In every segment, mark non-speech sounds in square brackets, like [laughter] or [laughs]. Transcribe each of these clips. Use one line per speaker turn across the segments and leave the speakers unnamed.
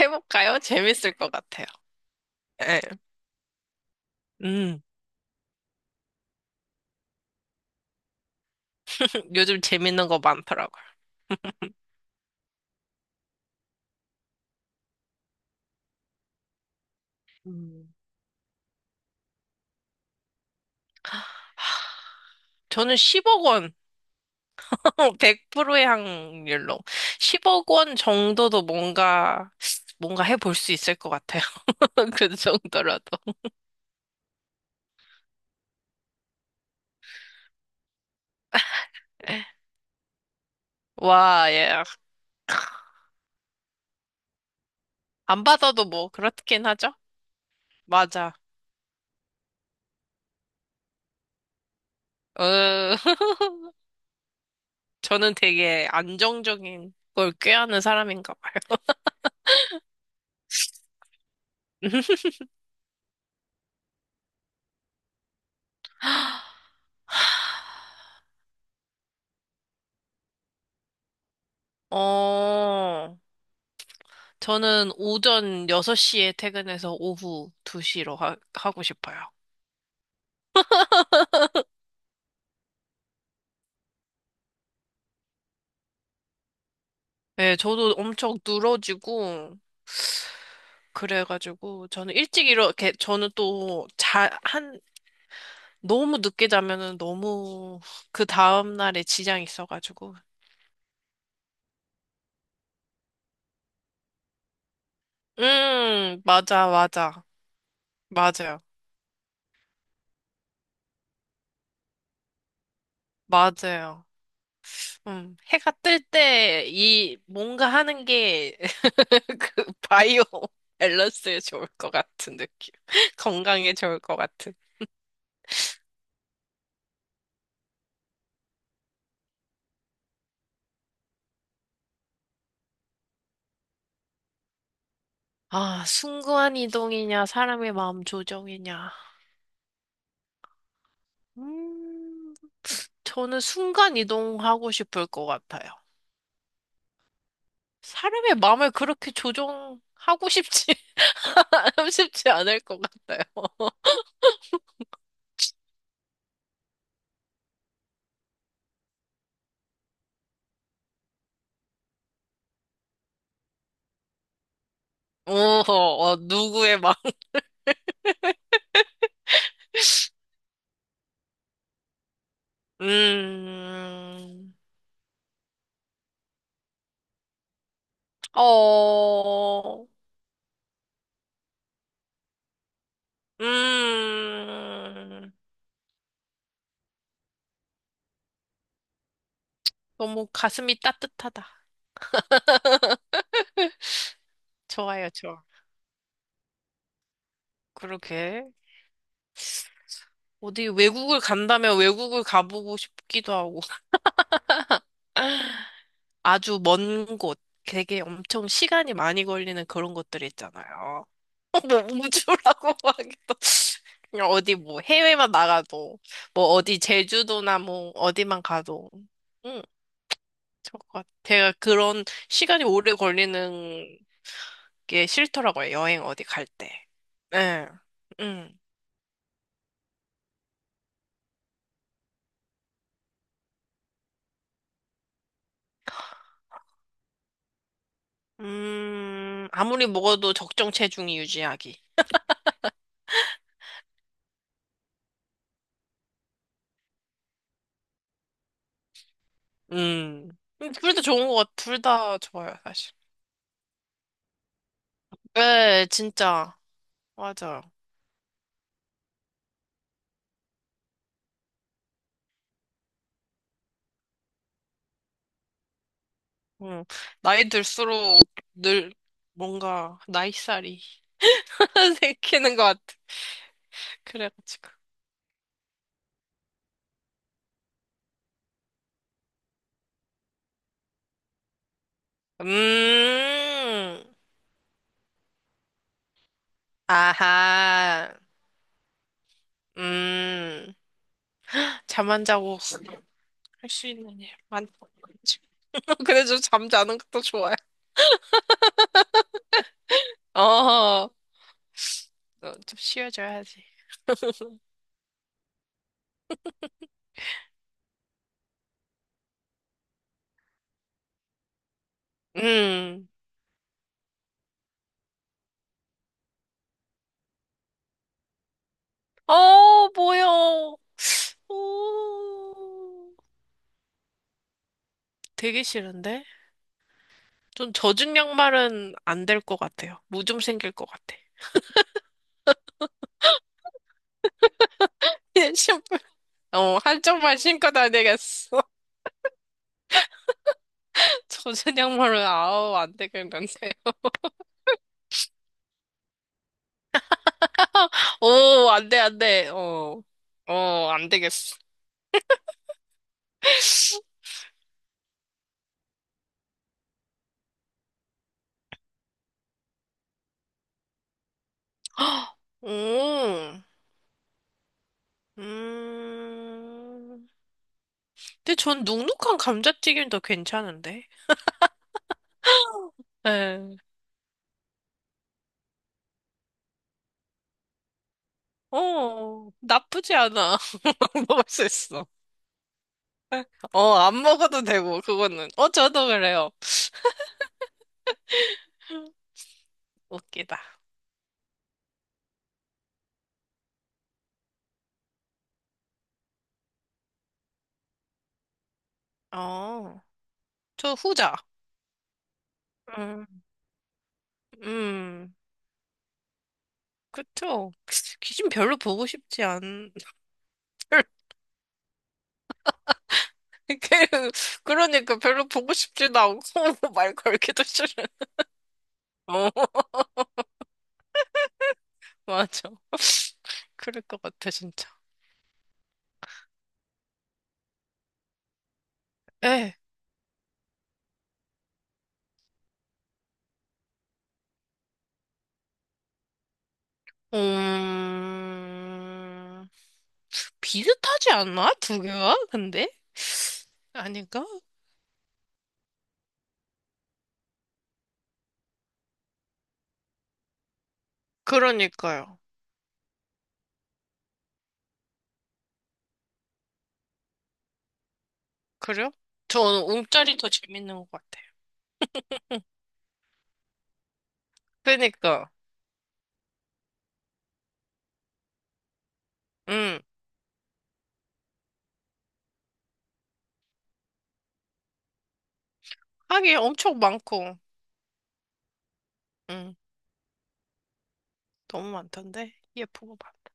해볼까요? 재밌을 것 같아요. 예. 음, [laughs] 요즘 재밌는 거 많더라고요. 음. 저는 10억 원, [laughs] 100%의 확률로 10억 원 정도도 뭔가 해볼 수 있을 것 같아요. [laughs] 그 정도라도. 예. 와, 예. 안 받아도 뭐 그렇긴 하죠. 맞아. 어, [laughs] 저는 되게 안정적인 걸 꾀하는 사람인가 봐요. [laughs] 어. 저는 오전 6시에 퇴근해서 오후 2시로 하고 싶어요. 네, 저도 엄청 늘어지고, 그래가지고, 저는 일찍 이렇게, 저는 또 너무 늦게 자면은 너무 그 다음날에 지장이 있어가지고. 맞아, 맞아. 맞아요. 맞아요. 해가 뜰 때, 이, 뭔가 하는 게, [laughs] 그, 바이오 밸런스에 좋을 것 같은 느낌. [laughs] 건강에 좋을 것 같은. 아, 순간 이동이냐, 사람의 마음 조정이냐. 음, 저는 순간 이동하고 싶을 것 같아요. 사람의 마음을 그렇게 조정하고 싶지, [laughs] 쉽지 않을 것 같아요. [laughs] 오, 어, 누구의 마음. [laughs] 음, 어, 음, 너무 가슴이 따뜻하다. 좋아요, 좋아. 그러게. 어디 외국을 간다면 외국을 가보고 싶기도 하고. 아주 먼 곳, 되게 엄청 시간이 많이 걸리는 그런 곳들 있잖아요. [laughs] 뭐 우주라고 [laughs] 하기도 그냥 어디 뭐 해외만 나가도 뭐 어디 제주도나 뭐 어디만 가도 응, 좋을 것 같아요. 제가 그런 시간이 오래 걸리는 게 싫더라고요. 여행 어디 갈 때. 네. 음. 아무리 먹어도 적정 체중이 유지하기. 음. 둘다 좋은 것 같아. 둘 다 좋아요, 사실. 네, 진짜. 맞아. 응. 나이 들수록 늘 뭔가 나이살이 [laughs] 생기는 것 같아. 그래가지고. 음. 아하. 음. 잠 안 자고 할 수 있는 일 많. [laughs] 근데 좀 잠자는 것도 좋아요. 어. 좀 쉬어줘야지. 음. 어, 뭐야. 오. 되게 싫은데? 좀 젖은 양말은 안 될 것 같아요. 무좀 생길 것 같아. [laughs] 예, 신발, 어, 한쪽만 신고 다니겠어. [laughs] 젖은 양말은, 아우, 안 되겠는데. [laughs] 오, 안 돼, 안 돼. 어, 안 되겠어. [gasps] 오, 음. 근데 전 눅눅한 감자튀김도 괜찮은데. 네. 어, 나쁘지 않아. [laughs] 먹을 수 있어. 어, 안 먹어도 되고, 그거는. 어, 저도 그래요. [laughs] 웃기다. 어, 저 후자. 음, 음. 그쵸? 귀신 별로 보고 싶지 않, [laughs] 별로- 그- 그러니까 별로 보고 싶지도 않고 [laughs] 말 걸기도 싫은. 어, [laughs] 맞아. 그럴 것 같아, 진짜. 에, 음, 비슷하지 않나? 두 개가? 근데? 아닌가? 그러니까요. 그래요? 저는 움짤이 더 재밌는 것 같아요. 그러니까, 음, 하긴 엄청 많고, 음, 너무 많던데? 예쁘고 많다.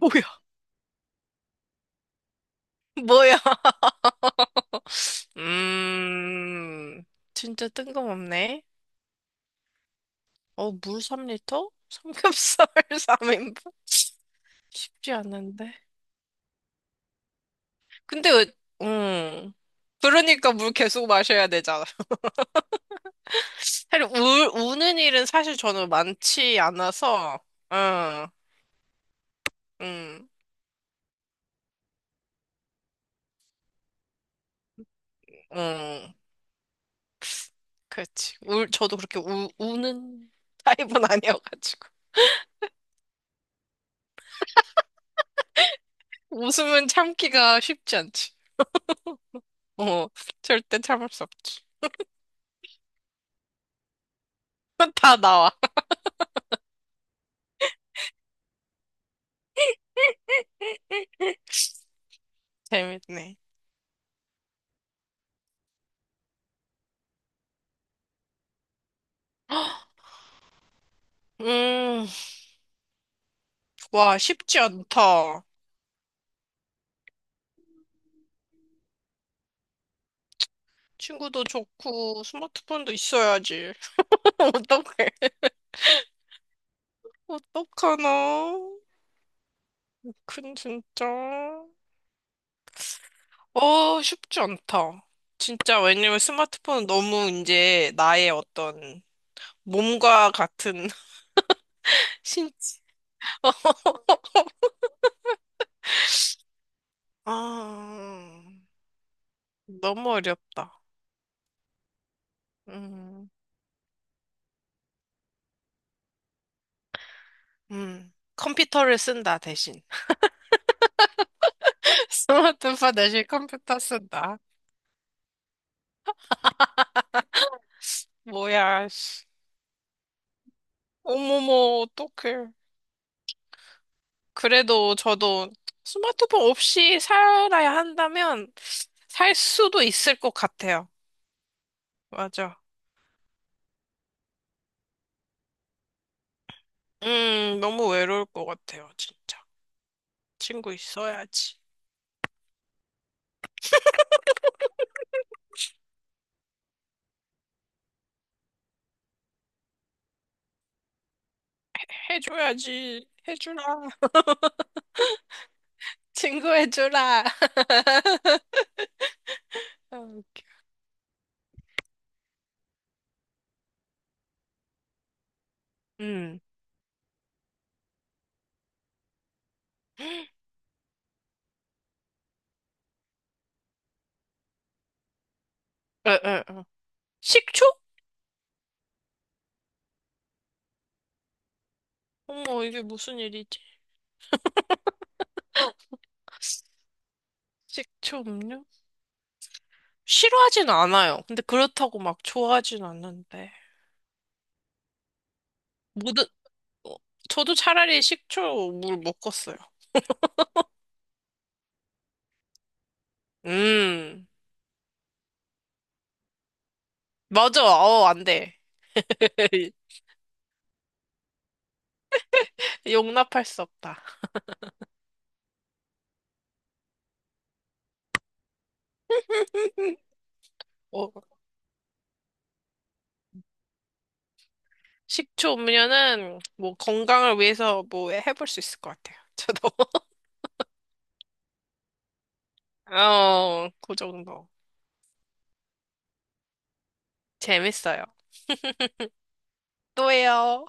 뭐야? [laughs] 뭐야? 음, 진짜 뜬금없네. 어, 물 3리터? 삼겹살 [laughs] 3인분? 쉽지 않은데. 근데, 왜- 음. 그러니까 물 계속 마셔야 되잖아. 사실 우는 일은 사실 저는 많지 않아서, 응, 응, 응. 그렇지. 저도 그렇게 우는 타입은 [laughs] 아니어가지고. 웃음은 참기가 쉽지 않지. 어, 절대 참을 수 없지. [laughs] 다 나와. 재밌네. [laughs] 음, 와, 쉽지 않다. 친구도 좋고, 스마트폰도 있어야지. [laughs] 어떡해. 어떡하나. 큰, 진짜. 어, 쉽지 않다. 진짜, 왜냐면 스마트폰은 너무 이제 나의 어떤 몸과 같은 [laughs] 신체. [laughs] 아, 너무 어렵다. 음, 컴퓨터를 쓴다, 대신. [laughs] 스마트폰 대신 컴퓨터 쓴다. 뭐야, 씨. 어머머, 어떡해. 그래도 저도 스마트폰 없이 살아야 한다면 살 수도 있을 것 같아요. 맞아. 너무 외로울 것 같아요, 진짜. 친구 있어야지. 해줘야지. 해주라. [laughs] 친구 해주라. [laughs] 음. 음. 에, 에, 에. 식초? 어머, 이게 무슨 일이지? 식초 음료? 싫어하진 않아요. 근데 그렇다고 막 좋아하진 않는데. 모든 어, 저도 차라리 식초 물 묶었어요. 음, 맞아. 어, 안 돼. [laughs] 용납할 수 없다. [laughs] 어, 식초 음료는 뭐 건강을 위해서 뭐 해볼 수 있을 것 같아요. 저도. [laughs] 어, 그 정도. 재밌어요. 또 해요.